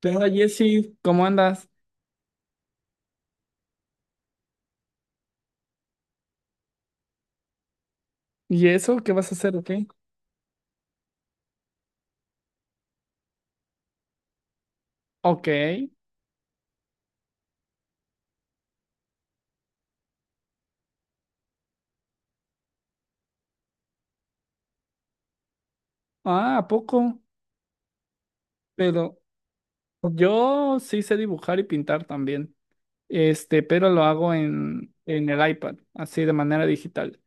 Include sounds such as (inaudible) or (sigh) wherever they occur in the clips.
¿Qué onda, Jessy? ¿Cómo andas? ¿Y eso? ¿Qué vas a hacer? ¿Ok? Ok. Ah, ¿a poco? Pero yo sí sé dibujar y pintar también. Este, pero lo hago en el iPad, así de manera digital,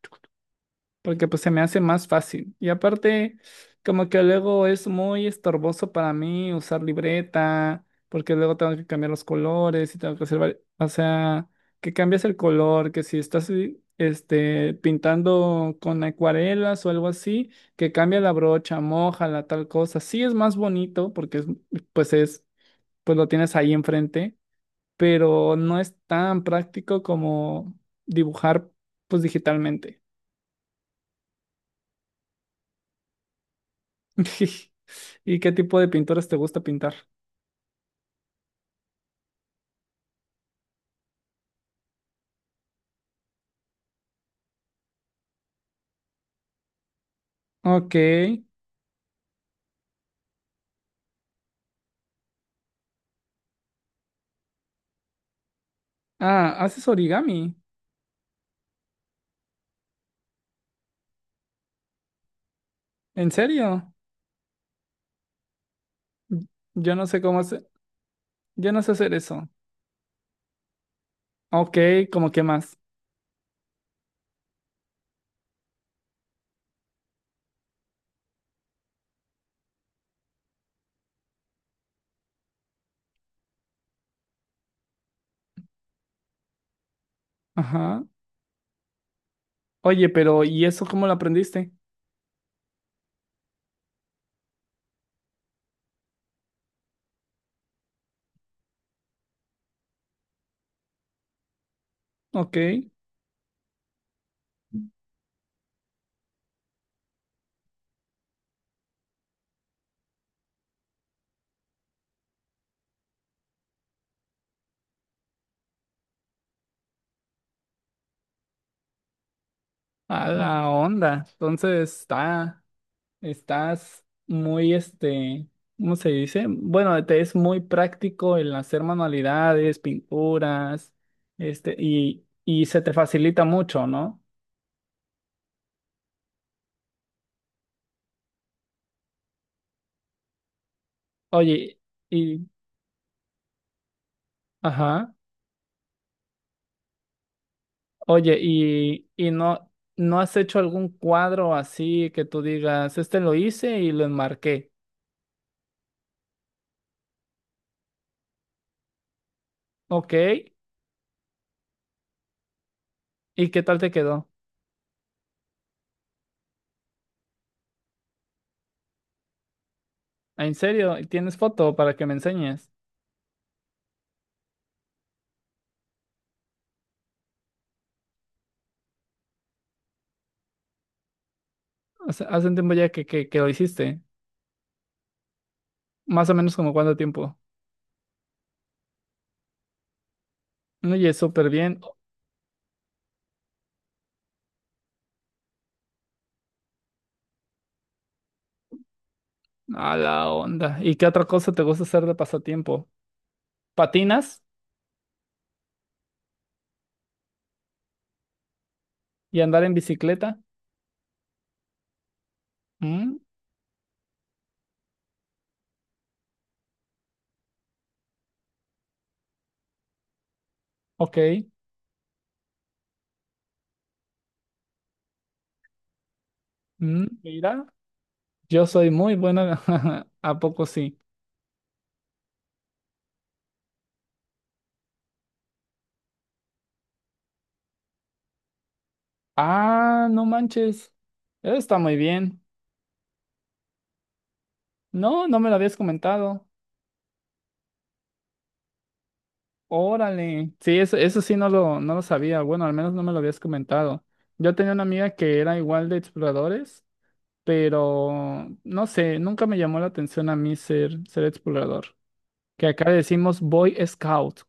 porque pues se me hace más fácil. Y aparte, como que luego es muy estorboso para mí usar libreta, porque luego tengo que cambiar los colores y tengo que hacer, o sea, que cambias el color, que si estás este, pintando con acuarelas o algo así, que cambia la brocha, mójala, tal cosa. Sí es más bonito porque es, pues lo tienes ahí enfrente, pero no es tan práctico como dibujar, pues digitalmente. (laughs) ¿Y qué tipo de pinturas te gusta pintar? Ok. Ah, haces origami. ¿En serio? Y- Yo no sé cómo hacer, yo no sé hacer eso. Ok, ¿cómo qué más? Ajá. Oye, ¿pero y eso cómo lo aprendiste? Ok. A la onda. Entonces está, estás muy este, ¿cómo se dice? Bueno, te es muy práctico el hacer manualidades, pinturas, este, y se te facilita mucho, ¿no? Oye, y, ajá, oye, y no, ¿no has hecho algún cuadro así que tú digas, este lo hice y lo enmarqué? Ok, ¿y qué tal te quedó? ¿Ah, ¿En serio? ¿Tienes foto para que me enseñes? O sea, hace un tiempo ya que, que lo hiciste, más o menos como cuánto tiempo. Oye, súper bien, a la onda. ¿Y qué otra cosa te gusta hacer de pasatiempo? ¿Patinas y andar en bicicleta? ¿Mm? Ok. ¿Mm? Mira, yo soy muy bueno, (laughs) ¿a poco sí? Ah, no manches. Eso está muy bien. No, no me lo habías comentado. Órale. Sí, eso sí no lo, no lo sabía. Bueno, al menos no me lo habías comentado. Yo tenía una amiga que era igual de exploradores, pero no sé, nunca me llamó la atención a mí ser, ser explorador. Que acá le decimos Boy Scout.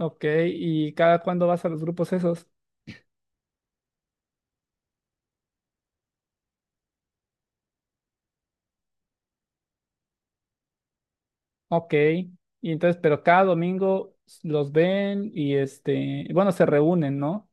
Ok, ¿y cada cuándo vas a los grupos esos? Ok. Y entonces, pero cada domingo los ven y este, bueno, se reúnen, ¿no?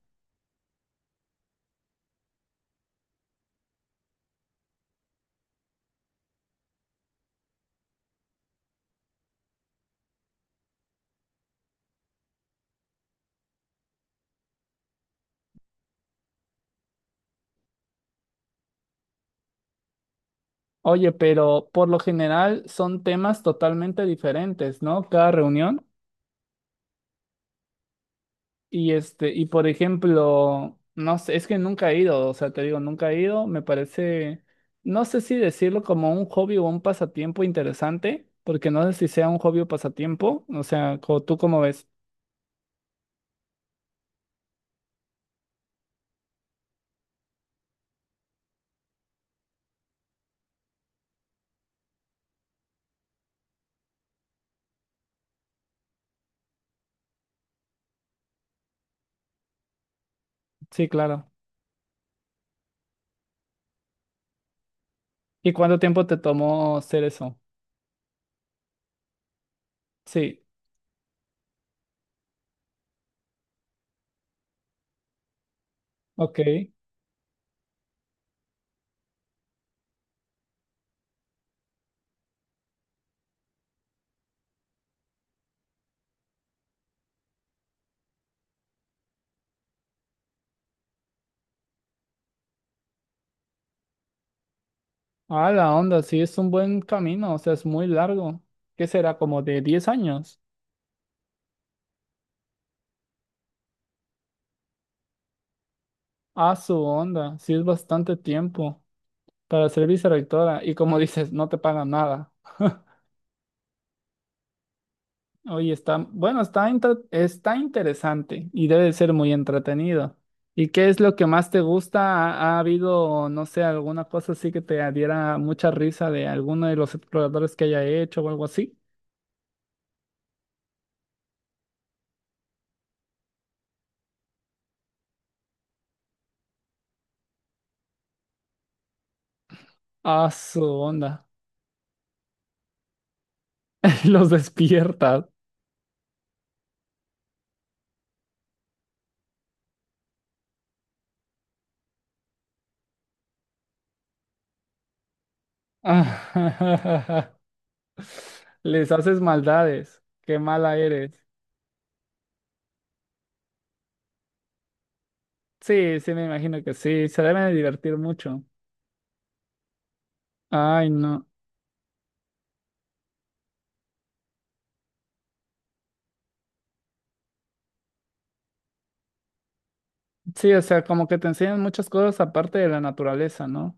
Oye, pero por lo general son temas totalmente diferentes, ¿no? Cada reunión. Y este, y por ejemplo, no sé, es que nunca he ido, o sea, te digo, nunca he ido, me parece, no sé si decirlo como un hobby o un pasatiempo interesante, porque no sé si sea un hobby o pasatiempo, o sea, ¿tú cómo ves? Sí, claro. ¿Y cuánto tiempo te tomó hacer eso? Sí, ok. Ah, la onda, sí, es un buen camino, o sea, es muy largo. ¿Qué será? ¿Como de 10 años? A su onda, sí es bastante tiempo para ser vicerectora y como (laughs) dices, no te pagan nada. (laughs) Oye, está, bueno, está, está interesante y debe ser muy entretenido. ¿Y qué es lo que más te gusta? Ha habido, no sé, alguna cosa así que te diera mucha risa de alguno de los exploradores que haya hecho o algo así? A su onda, (laughs) los despiertas. (laughs) Les haces maldades, qué mala eres. Sí, sí, me imagino que sí, se deben de divertir mucho. Ay, no. Sí, o sea, como que te enseñan muchas cosas aparte de la naturaleza, ¿no?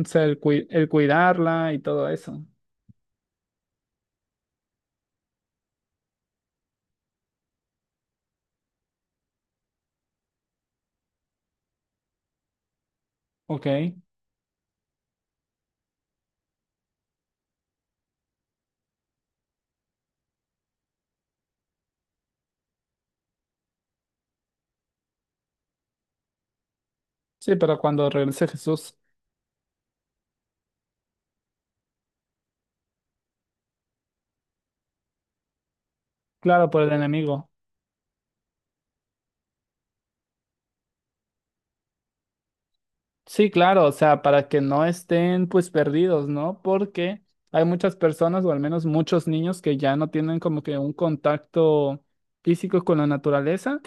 O sea, el, el cuidarla y todo eso. Ok. Sí, pero cuando regrese Jesús, claro, por el enemigo. Sí, claro, o sea, para que no estén pues perdidos, ¿no? Porque hay muchas personas, o al menos muchos niños, que ya no tienen como que un contacto físico con la naturaleza,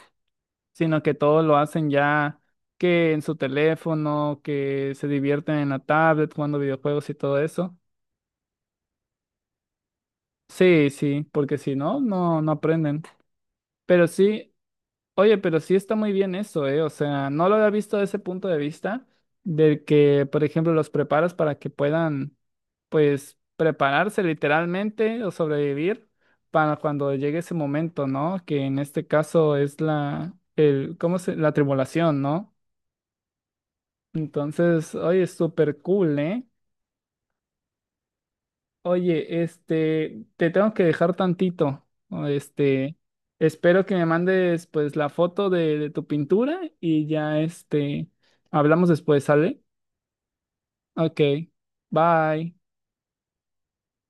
sino que todo lo hacen ya que en su teléfono, que se divierten en la tablet jugando videojuegos y todo eso. Sí, sí, porque si no, no aprenden. Pero sí, oye, pero sí está muy bien eso, ¿eh? O sea, no lo había visto desde ese punto de vista, del que, por ejemplo, los preparas para que puedan, pues, prepararse literalmente o sobrevivir para cuando llegue ese momento, ¿no? Que en este caso es la, el, ¿cómo se? La tribulación, ¿no? Entonces, oye, es súper cool, ¿eh? Oye, este, te tengo que dejar tantito. O Este, espero que me mandes pues la foto de tu pintura y ya este, hablamos después, ¿sale? Ok, bye.